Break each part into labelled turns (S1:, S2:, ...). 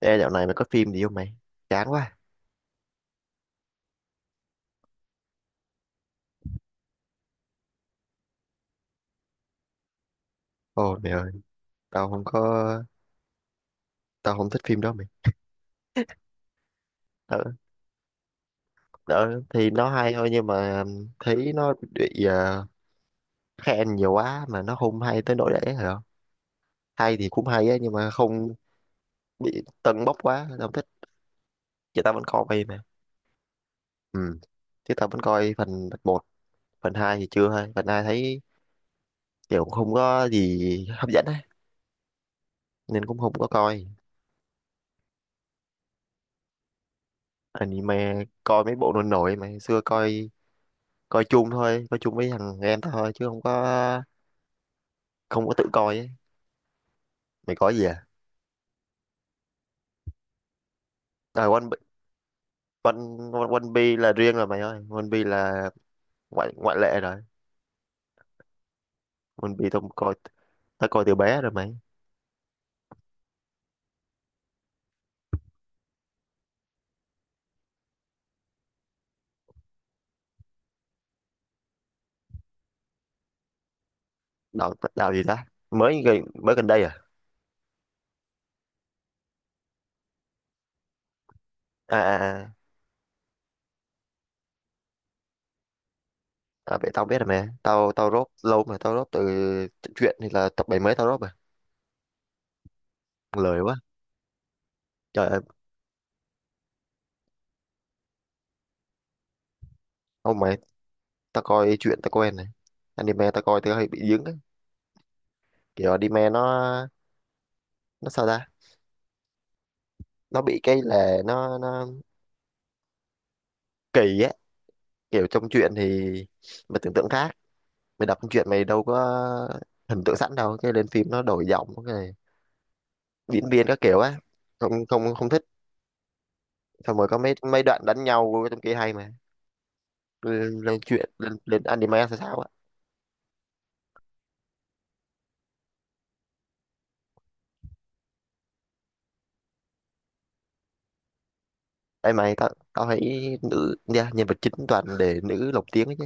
S1: Ê, dạo này mày có phim gì không mày? Chán quá. Ôi mày ơi, tao không có, tao không thích phim đó mày. Đó, đó, thì nó hay thôi nhưng mà thấy nó bị khen nhiều quá mà nó không hay tới nỗi đấy hả? Hay thì cũng hay á nhưng mà không bị tâng bốc quá, tao không thích. Vậy tao vẫn coi mày mà. Ừ. Chứ tao vẫn coi phần 1, phần 2 thì chưa hay. Phần 2 thấy kiểu không có gì hấp dẫn á nên cũng không có coi. Anime coi mấy bộ nổi nổi mà xưa coi coi chung thôi, coi chung với thằng em thôi chứ không có tự coi ấy. Mày có gì À, One, One, One Piece là riêng rồi mày ơi. One Piece là ngoại ngoại lệ rồi. One Piece tao coi từ bé rồi mày. Đạo đạo gì ta? Mới gần đây à? À à, à. À vậy tao biết rồi mày. Tao tao rốt lâu mà tao rốt từ chuyện thì là tập bảy mấy, tao rốt rồi. Lời quá, trời ơi. Ông mày, tao coi chuyện tao quen này, anime tao coi tao hay bị dính ấy. Kiểu anime nó sao ta? Nó bị cái là nó kỳ á. Kiểu trong truyện thì mày tưởng tượng khác, mày đọc truyện mày đâu có hình tượng sẵn đâu, cái lên phim nó đổi giọng, cái diễn viên các kiểu á. Không không không thích. Xong rồi có mấy mấy đoạn đánh nhau trong kia hay mà, lên truyện lên lên anime sao sao á. Đây mày, tao tao thấy nữ nha, nhân vật chính toàn để nữ lồng tiếng ấy chứ,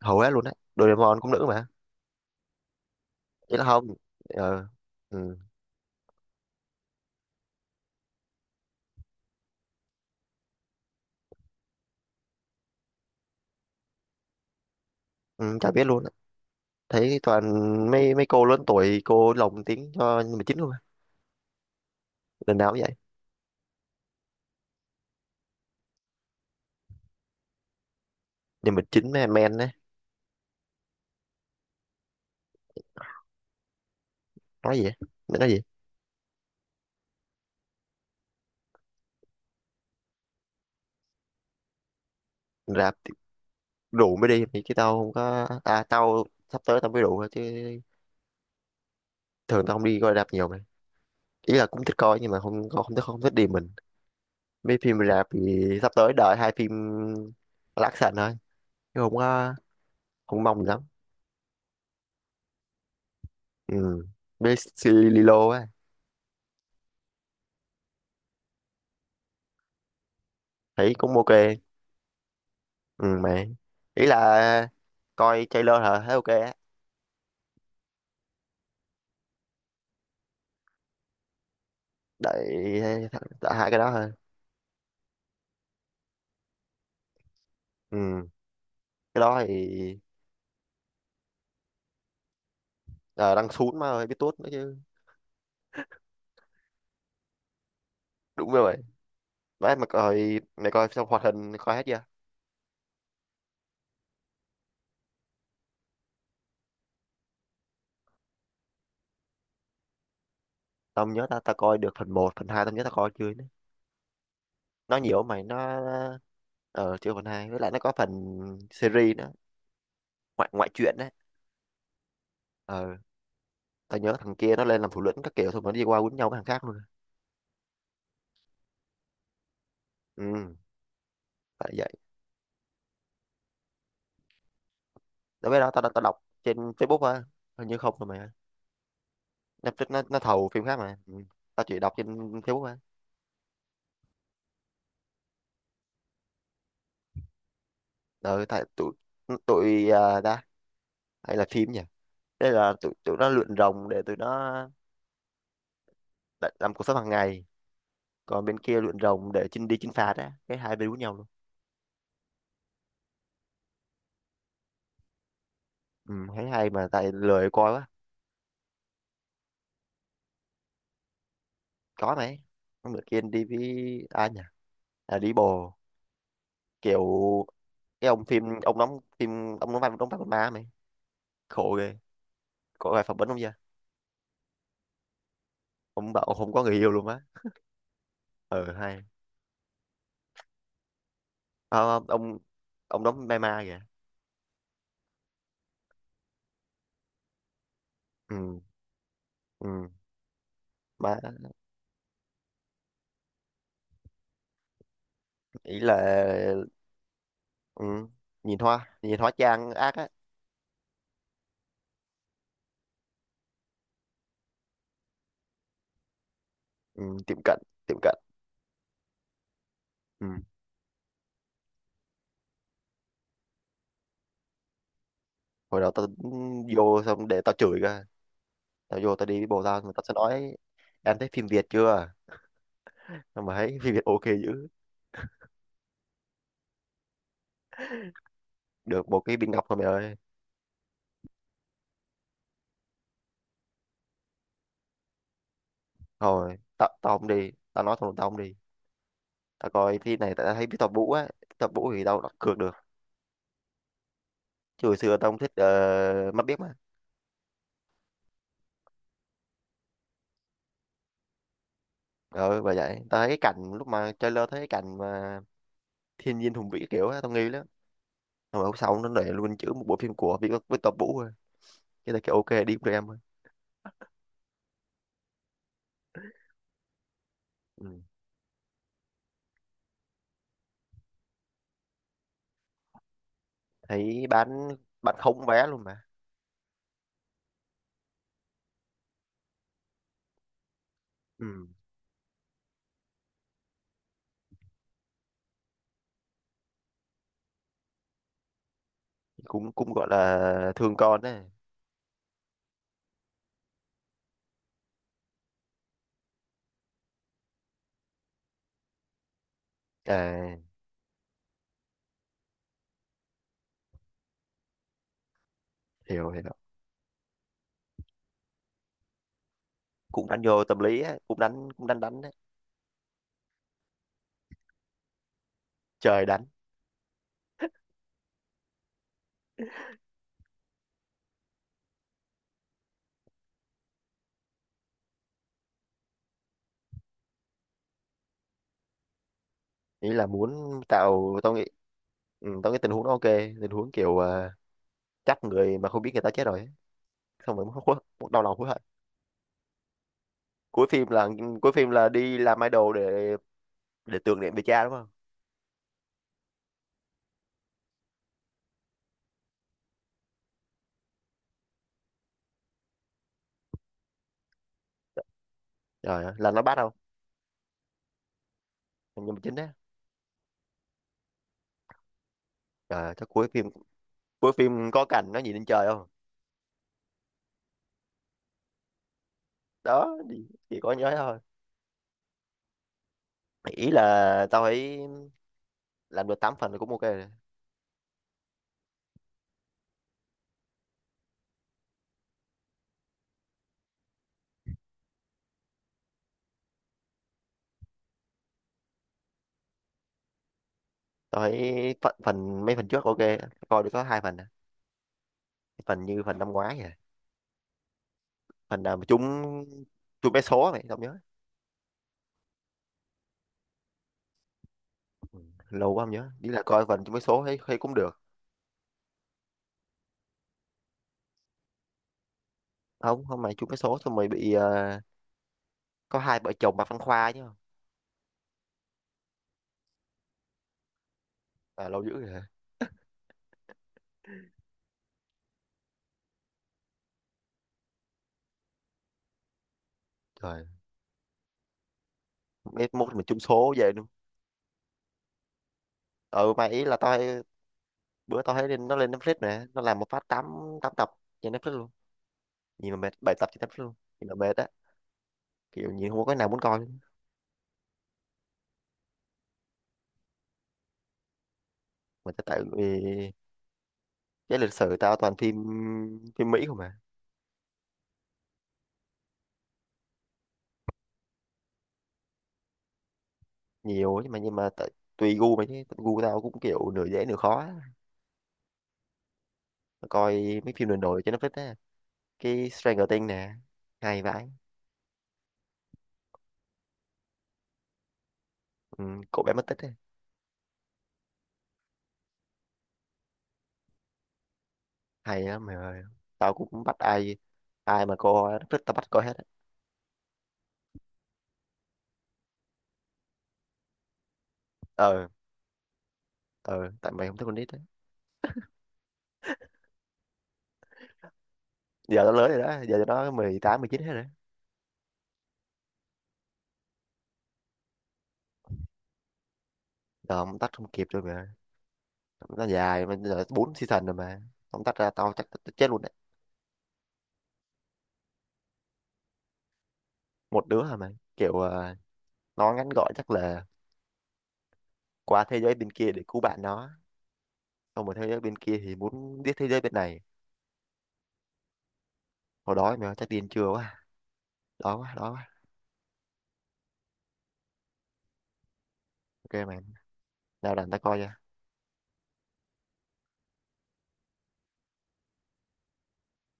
S1: hầu hết luôn á. Doraemon cũng nữ mà. Ý là không. Ờ. Ừ, ừ, chả biết luôn á. Thấy toàn mấy mấy cô lớn tuổi cô lồng tiếng cho nhân vật chính luôn á, lần nào cũng vậy. Nhưng mà chính mấy anh men á. Nói gì á? Nó nói gì? Rạp thì rượu mới đi thì chứ tao không có à, tao sắp tới tao mới rượu thôi chứ, thường tao không đi coi rạp nhiều mà. Ý là cũng thích coi nhưng mà không không không thích không thích đi mình. Mấy phim rạp thì sắp tới đợi 2 phim action thôi chứ không mong gì lắm. Ừ, với Lilo á, thấy cũng ok. Ừ mà ý là coi trailer hả, thấy ok á. Đợi, đợi hai cái đó thôi. Ừ cái đó thì ờ, đăng xuống mà ơi biết tuốt nữa chứ. Đúng rồi đấy. Mà coi mày, coi xong hoạt hình coi hết chưa? Tao không nhớ, tao tao coi được phần 1, phần 2 tao nhớ tao coi chưa nữa. Nó nhiều lắm mày, nó chưa phần 2. Với lại nó có phần series nữa, ngoại ngoại truyện đấy. Ờ tao nhớ thằng kia nó lên làm thủ lĩnh các kiểu thôi, nó đi qua quýnh nhau với thằng khác luôn. Ừ, phải vậy. Đối với đó tao tao đọc trên Facebook á. Hình như không rồi mày ơi, Netflix nó thầu phim khác mà ừ. Tao chỉ đọc trên Facebook á. Ờ tại tụi tụi à, Ta hay là phim nhỉ. Đây là tụi tụi nó luyện rồng để tụi nó làm cuộc sống hàng ngày, còn bên kia luyện rồng để chinh phạt á, cái hai bên với nhau luôn. Ừ, thấy hay mà tại lười coi quá. Có mấy hôm bữa kia đi với ai nhỉ? À đi bồ, kiểu cái ông phim, ông đóng phim, ông đóng vai con ma mày, khổ ghê, có ai phỏng vấn không chưa, ông bảo ông không có người yêu luôn á. Ừ hay. Ờ, ông đóng ma ma kìa. Ừ. Ừ mà ý là ừ, nhìn hóa trang ác á. Ừ, tiệm cận tiệm cận. Ừ. Hồi đó tao vô xong để tao chửi cơ, tao vô tao đi với bồ tao mà tao sẽ nói em thấy phim Việt chưa, nhưng mà thấy phim Việt ok dữ, được một cái bình ngọc thôi mày ơi. Thôi tao tao không đi, tao nói thằng tao không đi. Tao coi phim này tao thấy biết tập Vũ á, tập Vũ thì tao đặt cược được. Chứ hồi xưa tao không thích mắt biết mà. Ờ bởi vậy tao thấy cái cảnh lúc mà trailer, thấy cái cảnh mà thiên nhiên hùng vĩ kiểu á, tao nghi lắm. Rồi hôm sau nó để luôn chữ một bộ phim của Việt với tập Vũ rồi, cái này cái ok đi với em thôi. Ừ. Thấy bán không vé luôn mà. Ừ cũng cũng gọi là thương con đấy. À hiểu hiểu. Cũng đánh vô tâm lý á, cũng đánh đánh đấy. Trời đánh. Ý là muốn tao nghĩ tao nghĩ tình huống nó ok. Tình huống kiểu chắc người mà không biết người ta chết rồi ấy. Xong rồi hối hối- đau lòng hối hận. Cuối phim là cuối phim là đi làm idol để tưởng niệm về cha đúng không. Trời ơi, là nó bắt không? Nhưng mà chính đấy. Trời ơi, chắc cuối phim có cảnh nó nhìn lên trời không. Đó chỉ có nhớ thôi. Ý là tao thấy làm được 8 phần là cũng ok rồi. Tôi thấy phần mấy phần trước ok. Coi được có 2 phần à. Phần năm ngoái vậy. Phần nào mà trúng trúng vé số mày không nhớ. Lâu quá không nhớ, đi là coi phần trúng vé số thấy cũng được. Không không, mày trúng vé số xong mày bị có hai vợ chồng bà Văn Khoa chứ không? À, lâu dữ vậy hả? Trời mấy mốt mình trúng số về luôn. Ừ mà ý là tao bữa tao thấy lên nó Netflix nè, nó làm một phát tám 8 tập trên Netflix luôn, nhìn mà mệt, 7 tập trên Netflix luôn, nhìn mà mệt á, kiểu nhìn không có cái nào muốn coi luôn. Mà tại tại vì cái lịch sử tao toàn phim, Mỹ không à. Nhiều nhưng mà tùy gu mày chứ gu tao cũng kiểu nửa dễ nửa khó á. Coi mấy phim đồn nổi cho nó thích á, cái Stranger Things nè, hay vãi. Ừ, cậu bé mất tích á. Hay lắm mày ơi, tao cũng bắt ai, ai mà cô nó thích tao bắt coi hết á. Ờ ờ, tại mày không thích con nít á. Giờ nó lớn rồi đó, giờ nó 18, 19 hết rồi. Giờ không tách không kịp rồi mà, nó dài mà, giờ 4 season rồi mà, không tách ra tao chắc tao chết luôn đấy. Một đứa hả mày, kiểu nó ngắn gọn chắc là qua thế giới bên kia để cứu bạn nó. Xong rồi thế giới bên kia thì muốn biết thế giới bên này. Hồi đó mày ơi, chắc điên chưa quá. Đói quá, đói quá. Ok mày, nào làm ta coi cho.